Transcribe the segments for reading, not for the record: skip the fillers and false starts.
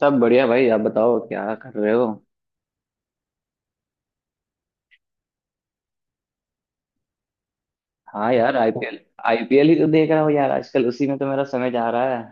सब बढ़िया भाई। आप बताओ क्या कर रहे हो? हाँ यार, आईपीएल आईपीएल ही तो देख रहा हूँ यार, आजकल उसी में तो मेरा समय जा रहा है।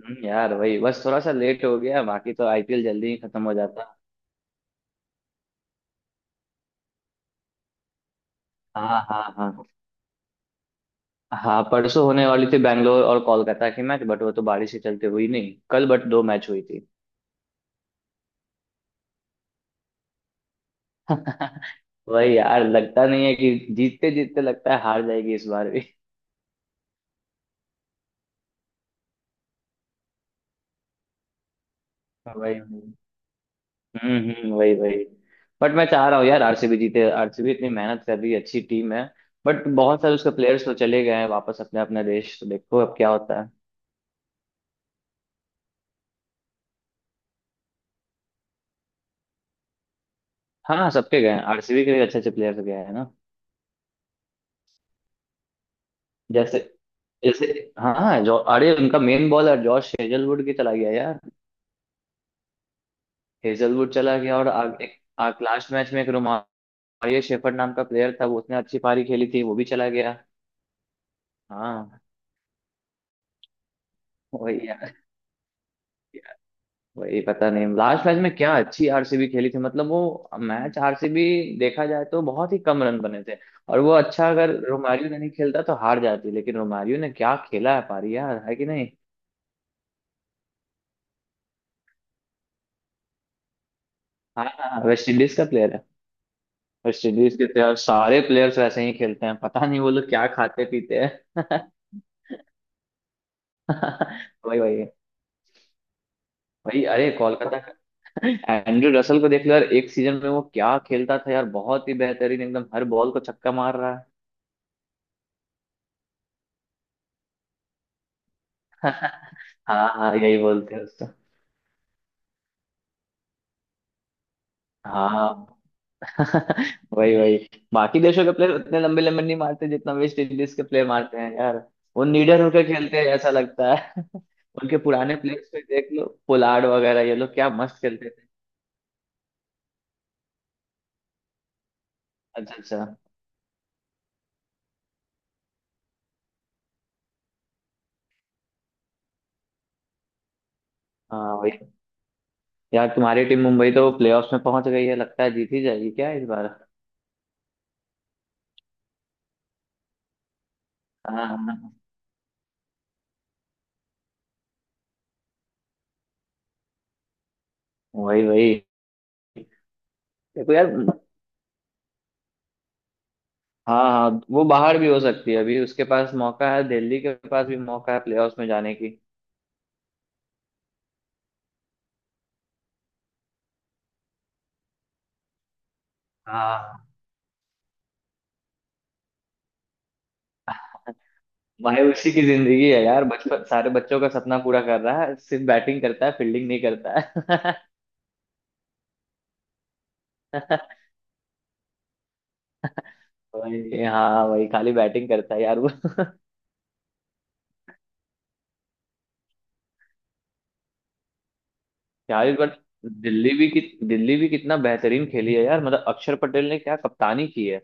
यार भाई, बस थोड़ा सा लेट हो गया, बाकी तो आईपीएल जल्दी ही खत्म हो जाता। हाँ हाँ हाँ। हाँ, परसों होने वाली थी बैंगलोर और कोलकाता की मैच, बट वो तो बारिश के चलते हुई नहीं कल, बट दो मैच हुई थी। वही यार, लगता नहीं है कि जीतते जीतते लगता है हार जाएगी इस बार भी। वही। हम्म हम्म, वही वही। बट मैं चाह रहा हूँ यार, आरसीबी जीते, आरसीबी इतनी मेहनत कर रही है, अच्छी टीम है। बट बहुत सारे उसके प्लेयर्स तो चले गए हैं वापस अपने अपने देश, तो देखो अब क्या होता है। हाँ सबके गए हैं, आरसीबी के भी अच्छे अच्छे प्लेयर्स गए हैं ना। जैसे जैसे हाँ हाँ, जो अरे उनका मेन बॉलर जॉश हेजलवुड की चला गया यार। हेजलवुड चला गया और लास्ट मैच में एक रोमारियो शेफर्ड नाम का प्लेयर था, वो उसने अच्छी पारी खेली थी, वो भी चला गया। हाँ वही यार। वही पता नहीं लास्ट मैच में क्या अच्छी आरसीबी खेली थी, मतलब वो मैच आरसीबी देखा जाए तो बहुत ही कम रन बने थे। और वो अच्छा, अगर रोमारियो ने नहीं खेलता तो हार जाती, लेकिन रोमारियो ने क्या खेला है पारी यार, है कि नहीं। हाँ हाँ हाँ, वेस्ट इंडीज का प्लेयर है। वेस्ट इंडीज के तो यार सारे प्लेयर्स वैसे ही खेलते हैं, पता नहीं वो लोग क्या खाते पीते हैं। वही वही वही अरे, कोलकाता का एंड्रू रसल को देख लो यार, एक सीजन में वो क्या खेलता था यार, बहुत ही बेहतरीन, एकदम हर बॉल को छक्का मार रहा है। हाँ हाँ यही बोलते हैं उसको। हाँ। वही वही। बाकी देशों के प्लेयर उतने लंबे लंबे नहीं मारते जितना वेस्ट इंडीज के प्लेयर मारते हैं यार। वो निडर होकर खेलते हैं ऐसा लगता है। उनके पुराने प्लेयर्स पे देख लो, पोलार्ड वगैरह, ये लोग क्या मस्त खेलते थे। अच्छा अच्छा। हाँ वही यार, तुम्हारी टीम मुंबई तो प्लेऑफ्स में पहुंच गई है, लगता है जीत ही जाएगी क्या इस बार। हाँ हाँ, वही वही। देखो यार। हाँ हाँ, वो बाहर भी हो सकती है, अभी उसके पास मौका है, दिल्ली के पास भी मौका है प्लेऑफ्स में जाने की। हाँ, भाई उसी की जिंदगी है यार, बचपन सारे बच्चों का सपना पूरा कर रहा है, सिर्फ बैटिंग करता है, फील्डिंग नहीं करता है। भाई हाँ भाई, खाली बैटिंग करता है यार वो। यार इस बार दिल्ली भी कि, दिल्ली भी कितना बेहतरीन खेली है यार, मतलब अक्षर पटेल ने क्या कप्तानी की है।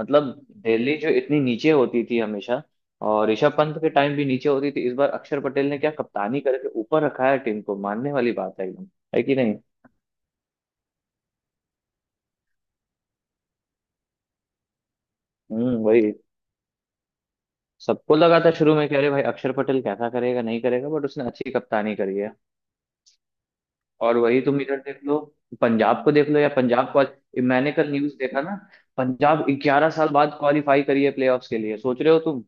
मतलब दिल्ली जो इतनी नीचे होती थी हमेशा, और ऋषभ पंत के टाइम भी नीचे होती थी, इस बार अक्षर पटेल ने क्या कप्तानी करके ऊपर रखा है टीम को, मानने वाली बात है एकदम, है कि नहीं। वही। सबको लगा था शुरू में कि अरे भाई अक्षर पटेल कैसा करेगा नहीं करेगा, बट उसने अच्छी कप्तानी करी है। और वही तुम इधर देख लो, पंजाब को देख लो, या मैंने कल न्यूज देखा ना, पंजाब 11 साल बाद क्वालिफाई करी है प्लेऑफ्स के लिए, सोच रहे हो तुम।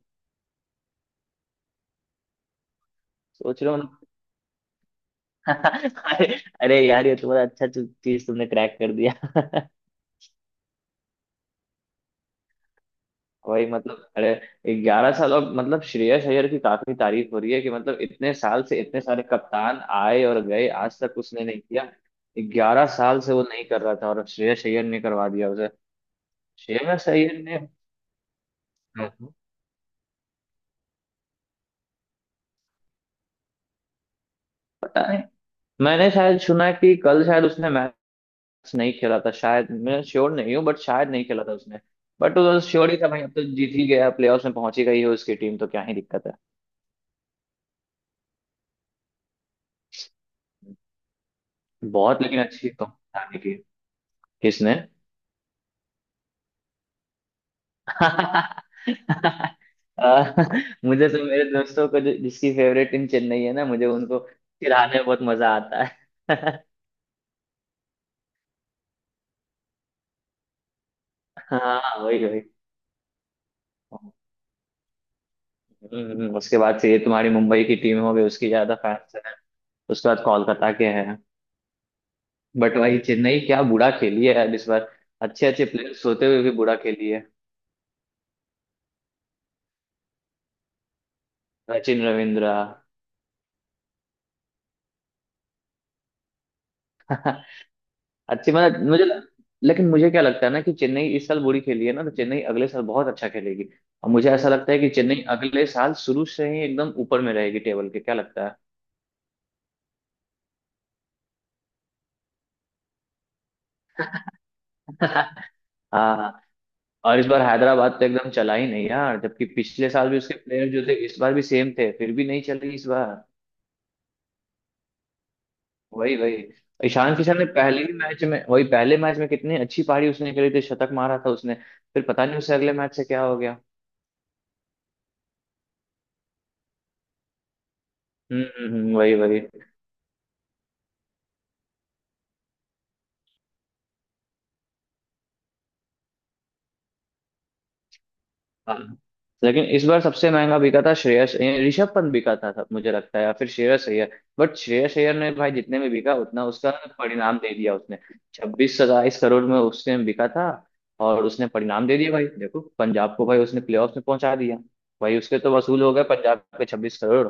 सोच रहे हो ना। अरे, अरे यार ये तो बड़ा अच्छा चीज तुमने क्रैक कर दिया। वही मतलब, अरे 11 साल, और मतलब श्रेयस अय्यर की काफी तारीफ हो रही है कि मतलब इतने साल से इतने सारे कप्तान आए और गए, आज तक उसने नहीं किया। 11 साल से वो नहीं कर रहा था और श्रेयस अय्यर ने करवा दिया उसे। श्रेयस अय्यर ने पता नहीं। मैंने शायद सुना है कि कल शायद उसने मैच नहीं खेला था शायद, मैं श्योर नहीं हूँ, बट शायद नहीं खेला था उसने। बट वो श्योर ही था भाई, अब तो जीत ही गया, प्लेऑफ्स में पहुंची गई है उसकी टीम, तो क्या ही दिक्कत है। बहुत लेकिन अच्छी तो की। किसने? अ, मुझे तो मेरे दोस्तों को जिसकी फेवरेट टीम चेन्नई है ना, मुझे उनको चिढ़ाने में बहुत मजा आता है। हाँ वही वही। उसके बाद से ये तुम्हारी मुंबई की टीम हो गई, उसकी ज्यादा फैंस है। उसके बाद कोलकाता के हैं। बट वही चेन्नई क्या बुरा खेली है यार इस बार। अच्छे अच्छे प्लेयर्स होते हुए भी बुरा खेली है। सचिन रविंद्रा। अच्छी मतलब मुझे, लेकिन मुझे क्या लगता है ना कि चेन्नई इस साल बुरी खेली है ना, तो चेन्नई अगले साल बहुत अच्छा खेलेगी। और मुझे ऐसा लगता है कि चेन्नई अगले साल शुरू से ही एकदम ऊपर में रहेगी टेबल के, क्या लगता है? हाँ हाँ। और इस बार हैदराबाद तो एकदम चला ही नहीं यार, जबकि पिछले साल भी उसके प्लेयर जो थे इस बार भी सेम थे, फिर भी नहीं चली इस बार। वही वही। ईशान किशन ने पहले ही मैच में, वही पहले मैच में कितनी अच्छी पारी उसने खेली थी, शतक मारा था उसने। फिर पता नहीं उसे अगले मैच से क्या हो गया। हम्म हम्म हम्म, वही वही। हाँ लेकिन इस बार सबसे महंगा बिका था ऋषभ पंत बिका था सब, मुझे लगता है, या फिर श्रेयस अय्यर। बट श्रेयस अय्यर ने भाई जितने में बिका उतना उसका परिणाम दे दिया उसने। छब्बीस सत्ताईस करोड़ में उसने बिका था। और उसने परिणाम दे दिया, भाई देखो पंजाब को, भाई उसने प्लेऑफ में पहुंचा दिया, भाई उसके तो वसूल हो गए पंजाब के 26 करोड़।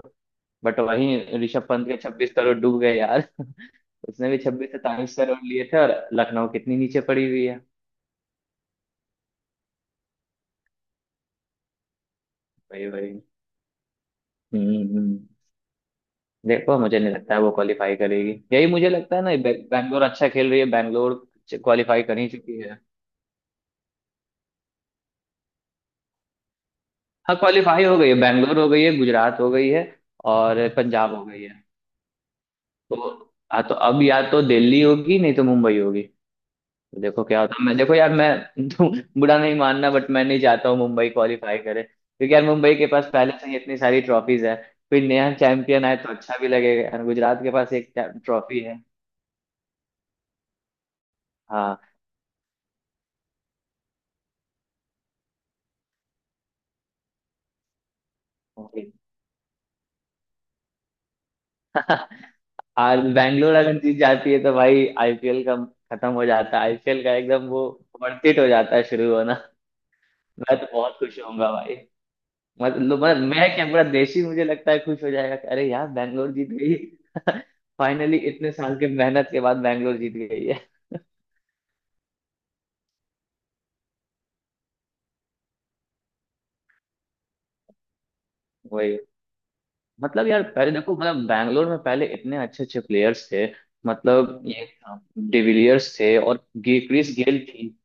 बट वहीं ऋषभ पंत के 26 करोड़ डूब गए यार। उसने भी 26-27 करोड़ लिए थे, और लखनऊ कितनी नीचे पड़ी हुई है। भाई भाई। हम्म हम्म। देखो, मुझे नहीं लगता है वो क्वालिफाई करेगी, यही मुझे लगता है ना। बैंगलोर अच्छा खेल रही है, बैंगलोर क्वालिफाई कर ही चुकी है। हाँ क्वालिफाई हो गई है, बैंगलोर हो गई है, गुजरात हो गई है और पंजाब हो गई है। तो हाँ, तो अब या तो दिल्ली होगी नहीं तो मुंबई होगी। तो देखो क्या होता है, मैं, देखो यार मैं, तो बुरा नहीं मानना बट मैं नहीं चाहता हूँ मुंबई क्वालिफाई करे, क्योंकि यार मुंबई के पास पहले से ही इतनी सारी ट्रॉफीज है। कोई नया चैंपियन आए तो अच्छा भी लगेगा यार, गुजरात के पास एक ट्रॉफी है। हाँ। और बैंगलोर अगर जीत जाती है तो भाई आईपीएल का खत्म हो जाता है, आईपीएल का एकदम वो वर्थ इट हो जाता है शुरू होना। मैं तो बहुत खुश होऊंगा भाई। मतलब मैं क्या, पूरा देश ही मुझे लगता है खुश हो जाएगा कि अरे यार बैंगलोर जीत गई। फाइनली इतने साल के मेहनत के बाद बैंगलोर जीत गई है। वही, मतलब यार पहले देखो, मतलब बैंगलोर में पहले इतने अच्छे अच्छे प्लेयर्स थे, मतलब ये डिविलियर्स थे और क्रिस गेल थी।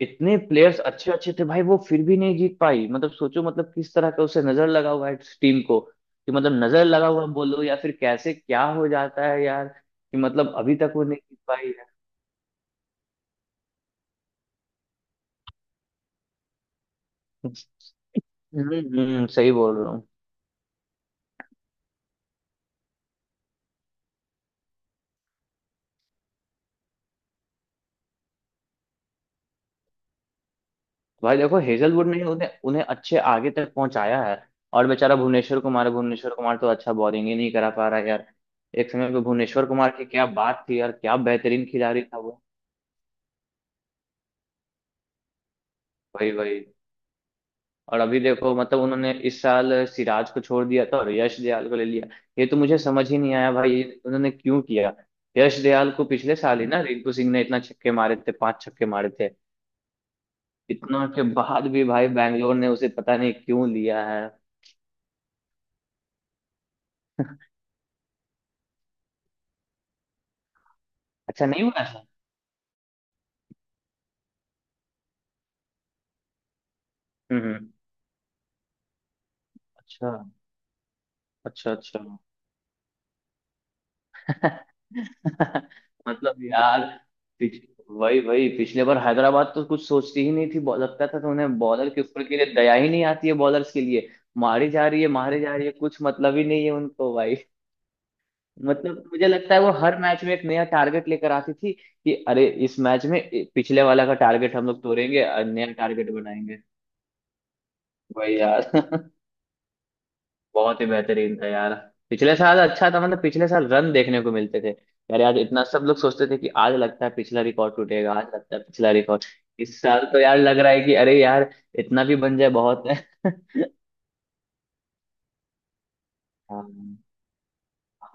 इतने प्लेयर्स अच्छे अच्छे थे भाई, वो फिर भी नहीं जीत पाई, मतलब सोचो मतलब किस तरह का उसे नजर लगा हुआ है इस टीम को कि, मतलब नजर लगा हुआ बोलो या फिर कैसे क्या हो जाता है यार कि, मतलब अभी तक वो नहीं जीत पाई है। सही बोल रहा हूँ। भाई देखो हेजलवुड ने उन्हें उन्हें अच्छे आगे तक पहुंचाया है। और बेचारा भुवनेश्वर कुमार है, भुवनेश्वर कुमार तो अच्छा बॉलिंग ही नहीं करा पा रहा है यार। एक समय पे भुवनेश्वर कुमार की क्या बात थी यार, क्या बेहतरीन खिलाड़ी था वो। वही वही। और अभी देखो मतलब उन्होंने इस साल सिराज को छोड़ दिया था और यश दयाल को ले लिया। ये तो मुझे समझ ही नहीं आया भाई, ये उन्होंने क्यों किया। यश दयाल को पिछले साल ही ना रिंकू सिंह ने इतना छक्के मारे थे, 5 छक्के मारे थे। इतना के बाद भी भाई बैंगलोर ने उसे पता नहीं क्यों लिया है। अच्छा नहीं हुआ ऐसा। हम्म हम्म। अच्छा अच्छा। अच्छा मतलब यार पिछ, वही वही पिछले बार हैदराबाद तो कुछ सोचती ही नहीं थी, लगता था तो उन्हें बॉलर के ऊपर के लिए दया ही नहीं आती है बॉलर्स के लिए। मारी जा रही है, मारी जा रही है, कुछ मतलब ही नहीं है उनको भाई। मतलब मुझे लगता है वो हर मैच में एक नया टारगेट लेकर आती थी कि अरे इस मैच में पिछले वाला का टारगेट हम लोग तोड़ेंगे और नया टारगेट बनाएंगे। वही यार। बहुत ही बेहतरीन था यार। पिछले साल अच्छा था, मतलब पिछले साल रन देखने को मिलते थे यार यार, इतना सब लोग सोचते थे कि आज लगता है पिछला रिकॉर्ड टूटेगा, आज लगता है पिछला रिकॉर्ड। इस साल तो यार लग रहा है कि अरे यार इतना भी बन जाए बहुत है। हाँ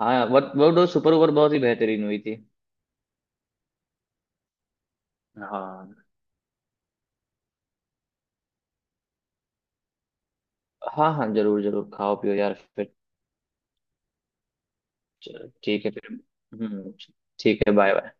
हाँ, वो तो सुपर ओवर बहुत ही बेहतरीन हुई थी। हाँ हाँ हाँ, जरूर जरूर खाओ पियो यार फिर। चलो ठीक है फिर। हम्म। ठीक है, बाय बाय।